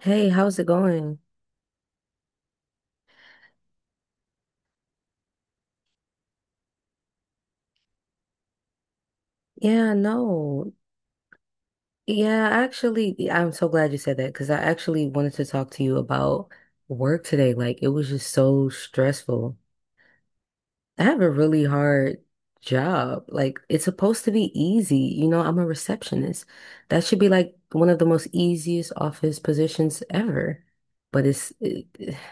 Hey, how's it going? Yeah, no. Yeah, actually, I'm so glad you said that because I actually wanted to talk to you about work today. Like, it was just so stressful. I have a really hard job. Like, it's supposed to be easy. You know, I'm a receptionist. That should be like one of the most easiest office positions ever. But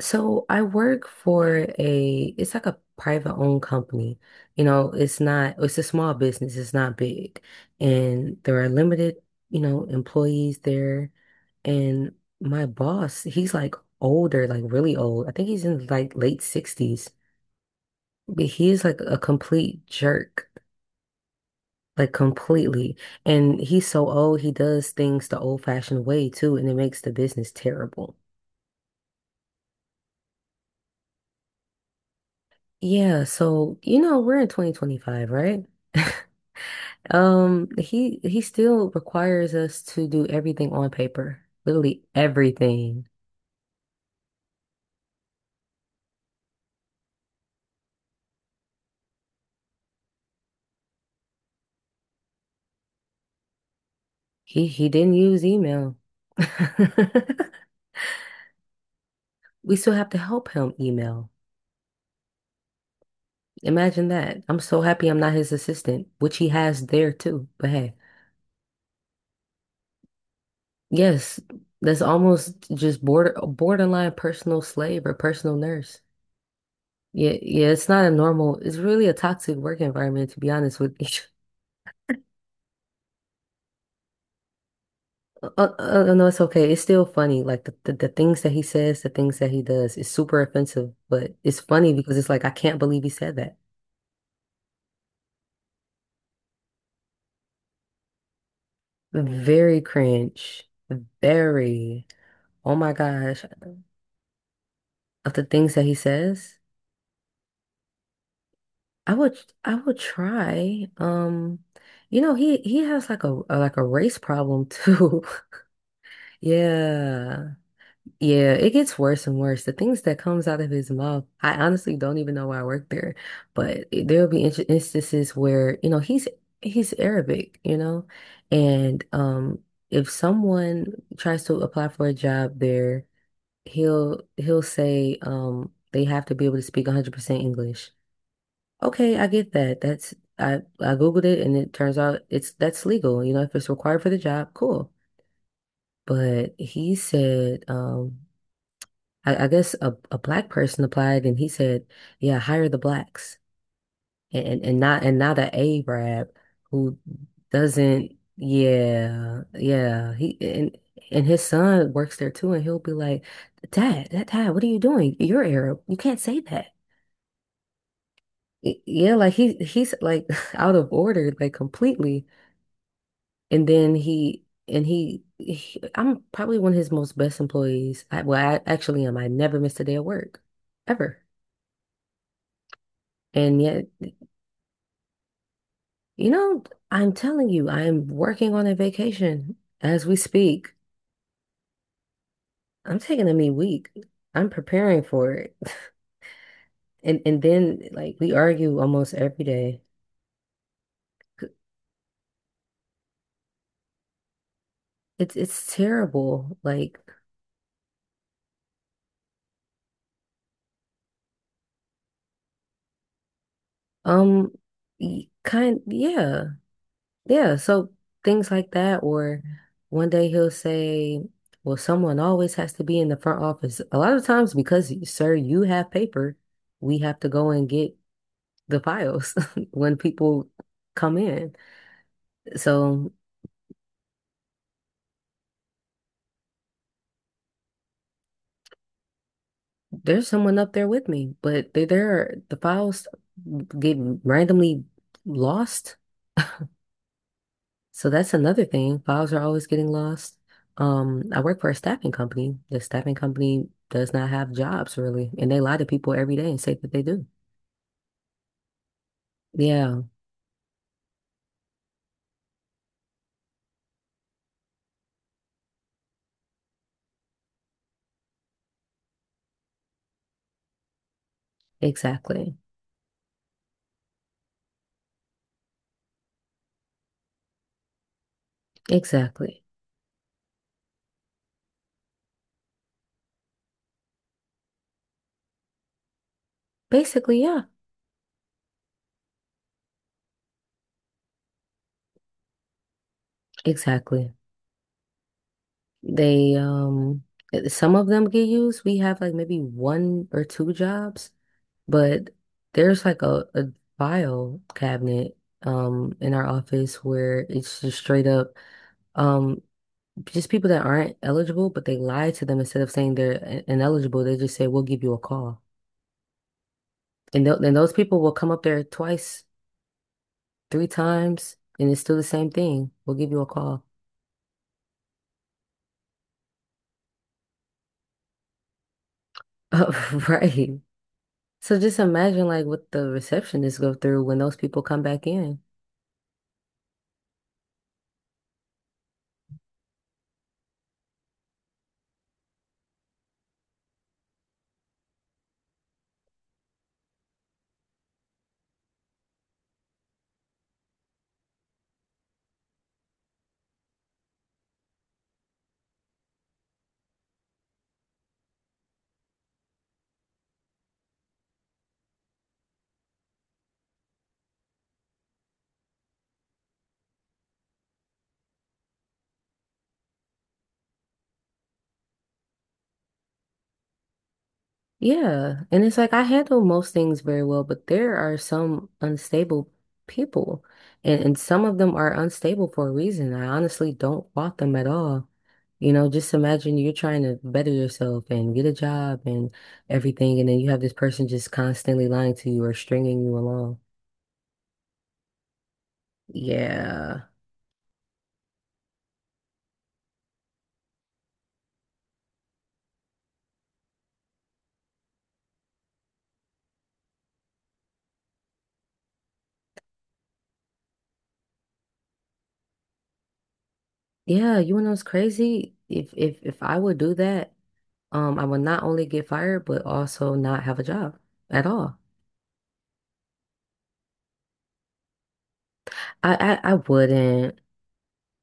So I work for it's like a private owned company. You know, it's not, it's a small business, it's not big. And there are limited, you know, employees there. And my boss, he's like older, like really old. I think he's in like late sixties, but he is like a complete jerk. Like completely. And he's so old, he does things the old-fashioned way too, and it makes the business terrible. Yeah, so you know, we're in 2025, right? He still requires us to do everything on paper, literally everything. He didn't use email. We still have to help him email. Imagine that. I'm so happy I'm not his assistant, which he has there too. But hey, yes, that's almost just borderline personal slave or personal nurse. Yeah, yeah, it's not a normal, it's really a toxic work environment to be honest with you. No, it's okay. It's still funny. Like the things that he says, the things that he does, is super offensive, but it's funny because it's like, I can't believe he said that. Very cringe. Very, oh my gosh, of the things that he says, I would, I would try. You know, he has like like a race problem too. Yeah. Yeah, it gets worse and worse. The things that comes out of his mouth, I honestly don't even know why I work there, but instances where, you know, he's Arabic, you know, and if someone tries to apply for a job there, he'll say they have to be able to speak 100% English. Okay, I get that. That's I Googled it and it turns out it's that's legal, you know, if it's required for the job, cool. But he said, I guess a black person applied and he said, yeah, hire the blacks and not an Arab who doesn't yeah, yeah. He And his son works there too and he'll be like, Dad, what are you doing? You're Arab. You can't say that. Yeah, like he's like out of order, like completely. And then he I'm probably one of his most best employees. I actually am. I never missed a day of work ever. And yet you know, I'm telling you, I'm working on a vacation as we speak. I'm taking a me week. I'm preparing for it. And then like we argue almost every day. C- it's terrible. Like, um, y- kind yeah. Yeah, so things like that or one day he'll say, "Well, someone always has to be in the front office." A lot of times because, sir, you have paper, we have to go and get the piles when people come in. So there's someone up there with me, but the files get randomly lost. So that's another thing. Files are always getting lost. I work for a staffing company. The staffing company does not have jobs really, and they lie to people every day and say that they do. Yeah, exactly. Exactly. Basically, yeah, exactly. They Some of them get used. We have like maybe one or two jobs. But there's like a file cabinet in our office where it's just straight up um just people that aren't eligible, but they lie to them instead of saying they're ineligible, they just say we'll give you a call. And th and those people will come up there twice, three times, and it's still the same thing. We'll give you a call. Right. So just imagine like what the receptionists go through when those people come back in. Yeah. And it's like I handle most things very well, but there are some unstable people. And some of them are unstable for a reason. I honestly don't fault them at all. You know, just imagine you're trying to better yourself and get a job and everything, and then you have this person just constantly lying to you or stringing you along. Yeah. Yeah, you know what's crazy? If I would do that, I would not only get fired, but also not have a job at all. I wouldn't.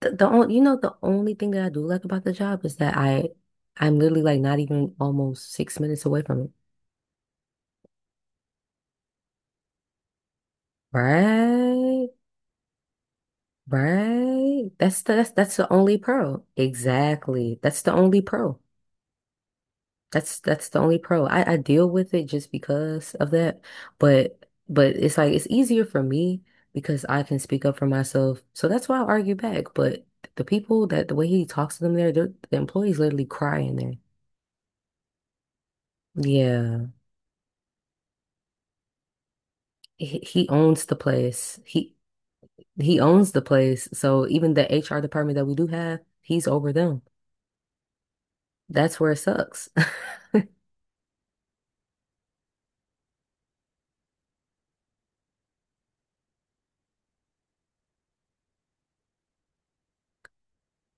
The only, you know, the only thing that I do like about the job is that I'm literally like not even almost 6 minutes away from it. Right, right. That's the only pearl. Exactly. That's the only pearl. That's the only pearl. I deal with it just because of that, but it's like it's easier for me because I can speak up for myself. So that's why I argue back. But the people that the way he talks to them there, the employees literally cry in there. Yeah. He owns the place. He owns the place. So even the HR department that we do have, he's over them. That's where it sucks.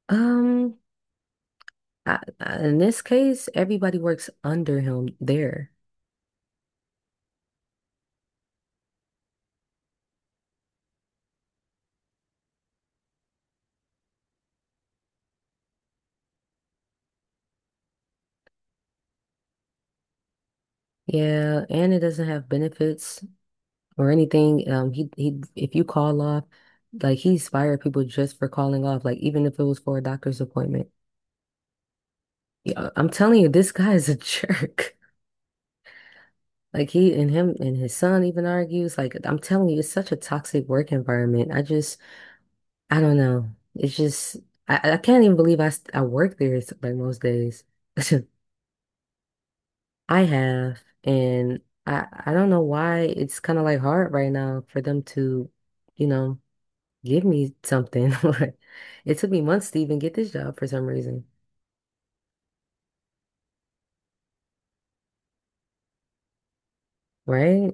Um, I- in this case, everybody works under him there. Yeah, and it doesn't have benefits or anything. He if you call off, like he's fired people just for calling off, like even if it was for a doctor's appointment. Yeah, I'm telling you, this guy is a jerk. Like he and him and his son even argues. Like I'm telling you, it's such a toxic work environment. I don't know. It's just, I can't even believe I work there like most days. I have, and I don't know why it's kind of like hard right now for them to, you know, give me something. Like it took me months to even get this job for some reason, right?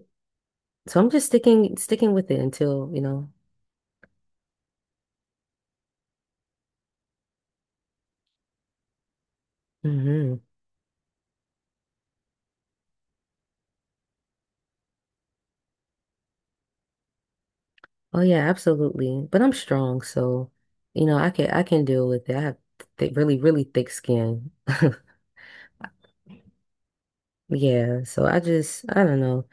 So I'm just sticking with it until, you know. Hmm. Oh yeah, absolutely. But I'm strong, so you know, I can deal with it. I have th really, really thick skin. Yeah, so I just I don't know.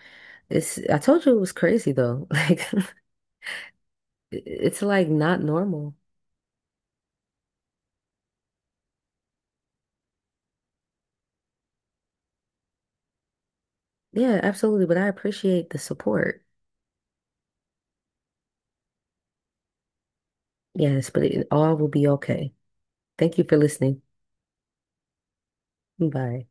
It's I told you it was crazy though. Like it's like not normal. Yeah, absolutely. But I appreciate the support. Yes, but it all will be okay. Thank you for listening. Bye.